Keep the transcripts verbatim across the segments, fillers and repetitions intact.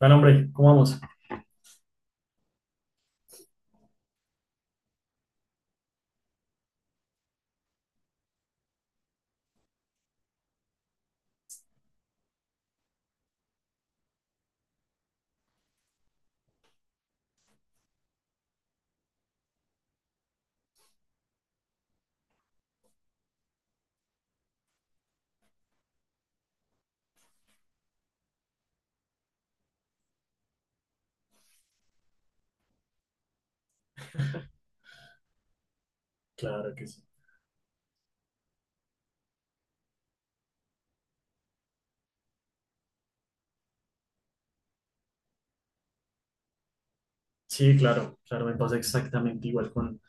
Bueno, hombre, ¿cómo vamos? Claro que sí. Sí, claro, claro, me pasa exactamente igual con,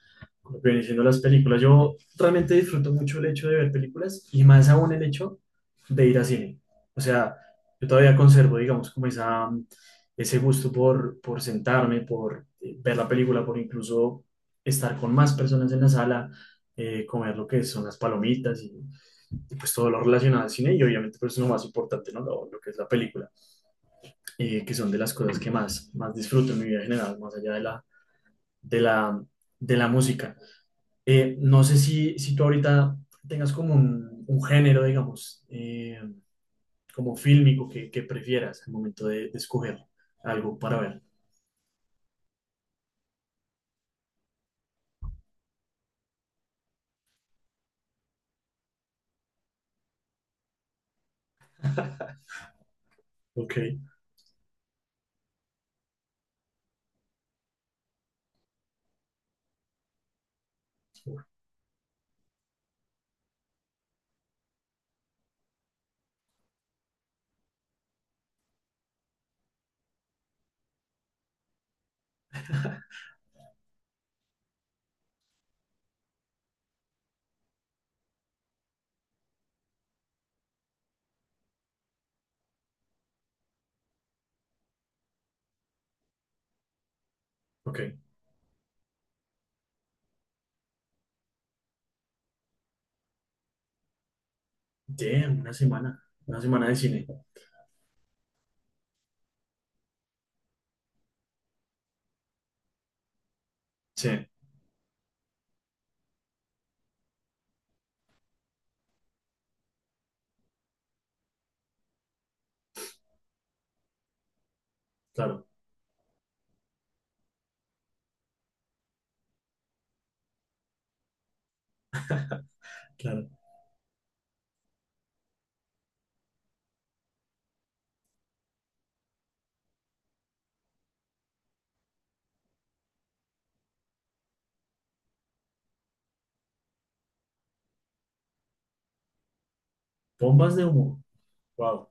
con lo que vienen siendo las películas. Yo realmente disfruto mucho el hecho de ver películas y más aún el hecho de ir a cine. O sea, yo todavía conservo, digamos, como esa, ese gusto por, por sentarme, por eh, ver la película, por incluso estar con más personas en la sala, eh, comer lo que son las palomitas y, y pues todo lo relacionado al cine y obviamente pues lo más importante, ¿no? Lo, lo que es la película. Eh, que son de las cosas que más, más disfruto en mi vida en general, más allá de la, de la, de la música. Eh, no sé si, si tú ahorita tengas como un, un género, digamos, eh, como fílmico que, que prefieras al momento de, de escoger algo para ver. Ok, ok. Damn, una semana, una semana de cine. Sí, claro, claro. Bombas de humo. Wow.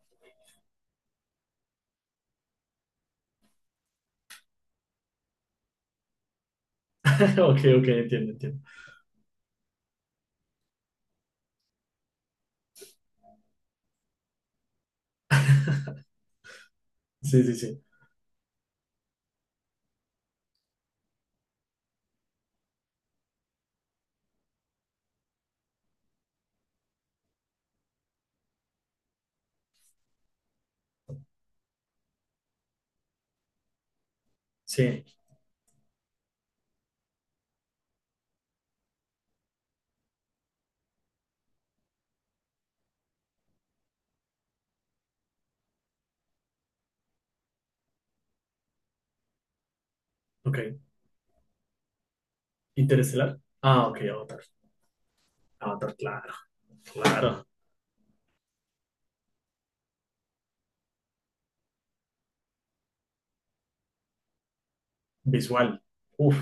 Ok, ok, entiendo, entiendo. Sí, sí, sí. Sí, ok. Interestelar. Ah, ok, Avatar. Avatar, claro, claro. Visual. Uf.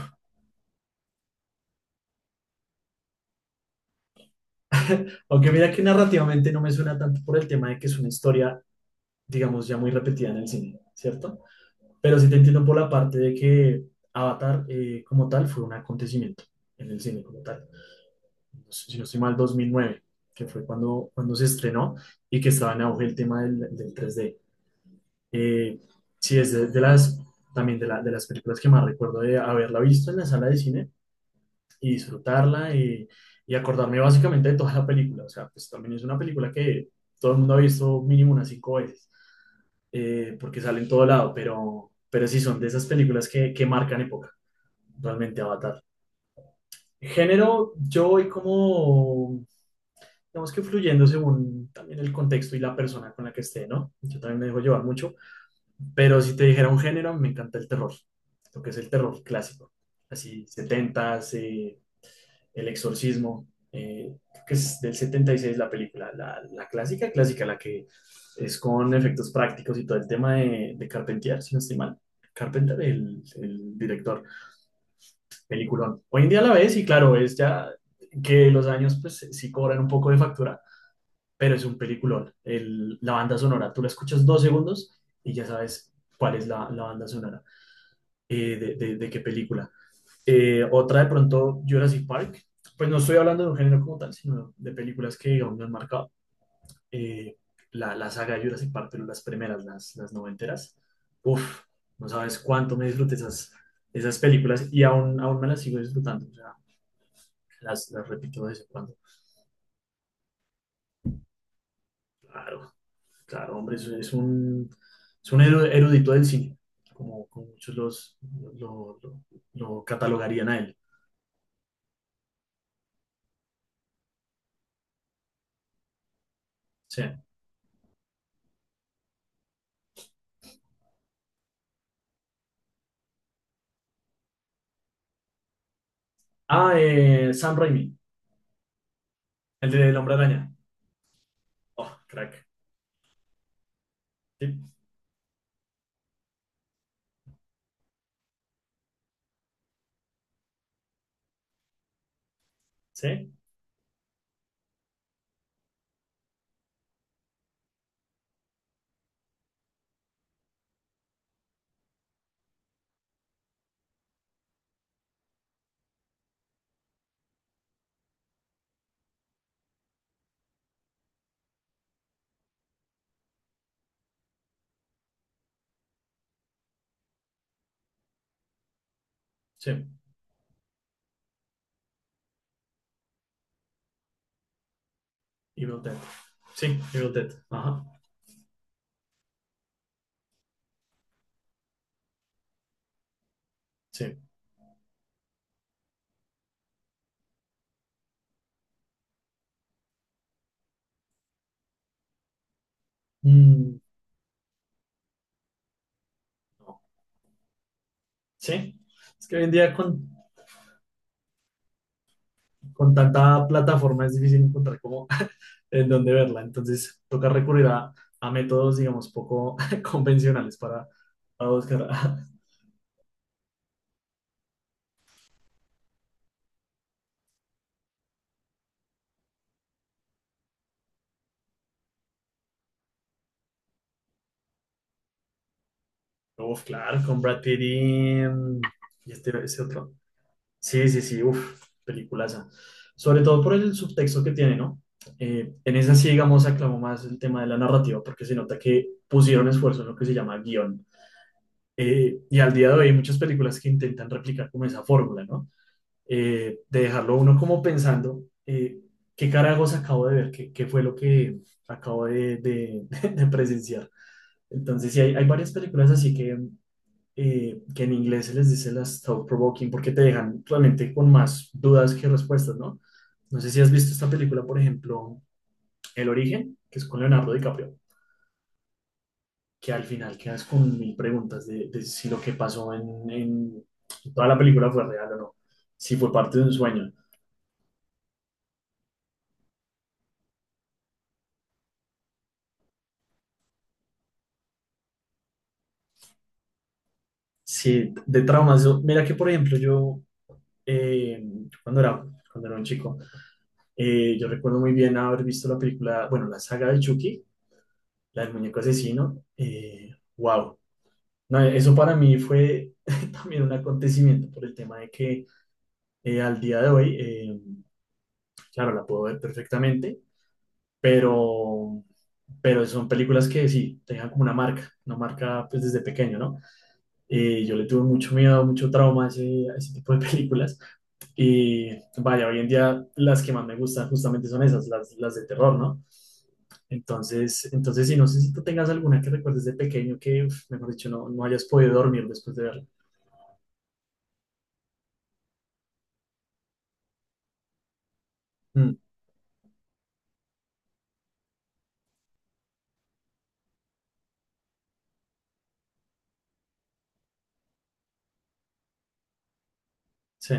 Aunque mira que narrativamente no me suena tanto por el tema de que es una historia, digamos, ya muy repetida en el cine, ¿cierto? Pero sí te entiendo por la parte de que Avatar eh, como tal fue un acontecimiento en el cine como tal. No sé, si no estoy mal, dos mil nueve, que fue cuando, cuando se estrenó y que estaba en auge el tema del, del tres d. Eh, sí, es de, de las, también de, la- de las películas que más recuerdo de haberla visto en la sala de cine y disfrutarla y, y acordarme básicamente de toda la película. O sea, pues también es una película que todo el mundo ha visto mínimo unas cinco veces, eh, porque sale en todo lado, pero, pero sí son de esas películas que, que marcan época, realmente Avatar. Género, yo voy como, digamos que fluyendo según también el contexto y la persona con la que esté, ¿no? Yo también me dejo llevar mucho, pero si te dijera un género, me encanta el terror, lo que es el terror clásico, así setentas, eh, El Exorcismo, eh, que es del setenta y seis la película, la, la clásica, clásica, la que es con efectos prácticos y todo el tema de, de Carpentier, si no estoy mal. Carpenter, el, el director, peliculón. Hoy en día la ves y claro, es ya que los años pues sí cobran un poco de factura, pero es un peliculón. El- la banda sonora, tú la escuchas dos segundos y ya sabes cuál es la, la banda sonora, eh, de, de- de qué película. Eh, otra de pronto Jurassic Park. Pues no estoy hablando de un género como tal, sino de películas que aún me han marcado. Eh, la, la saga de Jurassic Park, pero las primeras, las, las noventeras. Uf, no sabes cuánto me disfruté esas, esas películas y aún, aún me las sigo disfrutando. O sea, las, las repito de vez en cuando. Claro, claro, hombre, es, es un, es un eru- erudito del cine, como, como muchos los, lo, lo- lo catalogarían a él. Sí. Ah, eh, Sam Raimi, el de El Hombre Araña. Oh, crack. Sí, sí, sí. Evil Dead. Sí, Evil Dead. Ajá, sí. Mm, no. Sí, es que hoy en día con, con tanta plataforma es difícil encontrar cómo en dónde verla. Entonces, toca recurrir a, a métodos, digamos, poco convencionales para, para buscar. Uf, claro, con Brad Pitt y, mm, y este, ese otro. Sí, sí, sí, uff, peliculaza. Sobre todo por el subtexto que tiene, ¿no? Eh, en esa sí, digamos, aclamó más el tema de la narrativa porque se nota que pusieron esfuerzo en lo que se llama guión. Eh, y al día de hoy hay muchas películas que intentan replicar como esa fórmula, ¿no? Eh, de dejarlo uno como pensando, eh, ¿qué carajos acabo de ver? ¿Qué, qué fue lo que acabo de, de- de presenciar? Entonces, sí, hay, hay varias películas así que, eh, que en inglés se les dice las thought-provoking porque te dejan realmente con más dudas que respuestas, ¿no? No sé si has visto esta película, por ejemplo, El Origen, que es con Leonardo DiCaprio, que al final quedas con mil preguntas de, de si lo que pasó en, en toda la película fue real o no, si fue parte de un sueño, si de traumas. Yo- mira que, por ejemplo, yo eh, cuando era, cuando era un chico, eh, yo recuerdo muy bien haber visto la película, bueno, la saga de Chucky, la del muñeco asesino. Eh, wow, no, eso para mí fue también un acontecimiento por el tema de que eh, al día de hoy, eh, claro, la puedo ver perfectamente, pero, pero son películas que sí, te dejan como una marca, una marca pues desde pequeño, ¿no? Eh, yo le tuve mucho miedo, mucho trauma a ese, a ese tipo de películas y vaya, hoy en día las que más me gustan justamente son esas, las, las de terror, ¿no? Entonces, entonces sí, no sé si tú tengas alguna que recuerdes de pequeño que, uf, mejor dicho, no, no hayas podido dormir después de verla. Sí,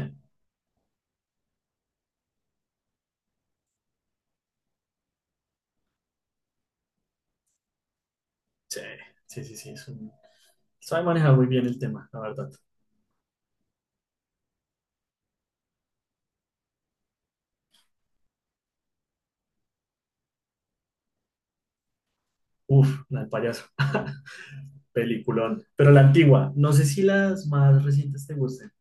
sí, sí, sí, sí. Es un- sabe manejar muy bien el tema, la verdad. Uf, la del payaso. Peliculón. Pero la antigua, no sé si las más recientes te gusten.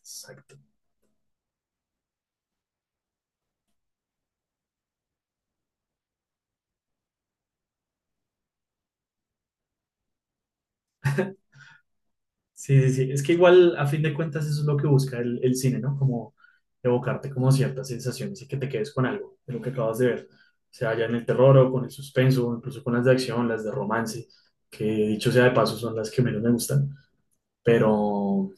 Exacto. Sí, sí, sí. Es que igual, a fin de cuentas, eso es lo que busca el, el cine, ¿no? Como evocarte como ciertas sensaciones y que te quedes con algo de lo que acabas de ver. O sea ya en el terror o con el suspenso, o incluso con las de acción, las de romance, que dicho sea de paso son las que menos me gustan. Pero,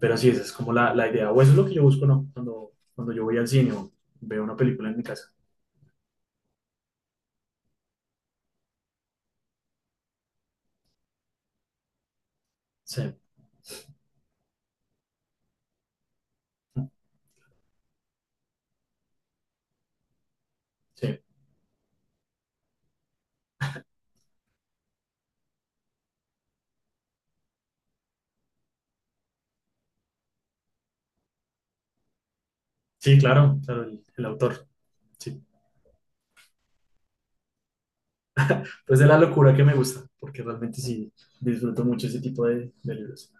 pero sí, esa es como la, la idea. O eso es lo que yo busco, ¿no? Cuando, cuando yo voy al cine o veo una película en mi casa. Sí, sí. Sí, claro, claro, el, el autor. Sí. Pues de la locura que me gusta, porque realmente sí disfruto mucho ese tipo de, de libros.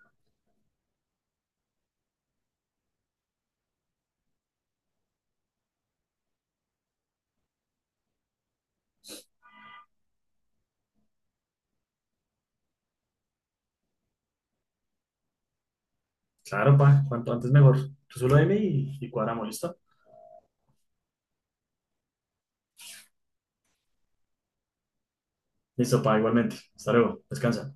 Claro, pa, cuanto antes mejor. Tú solo dime y, y cuadramos, ¿listo? Listo, pa, igualmente. Hasta luego, descansa.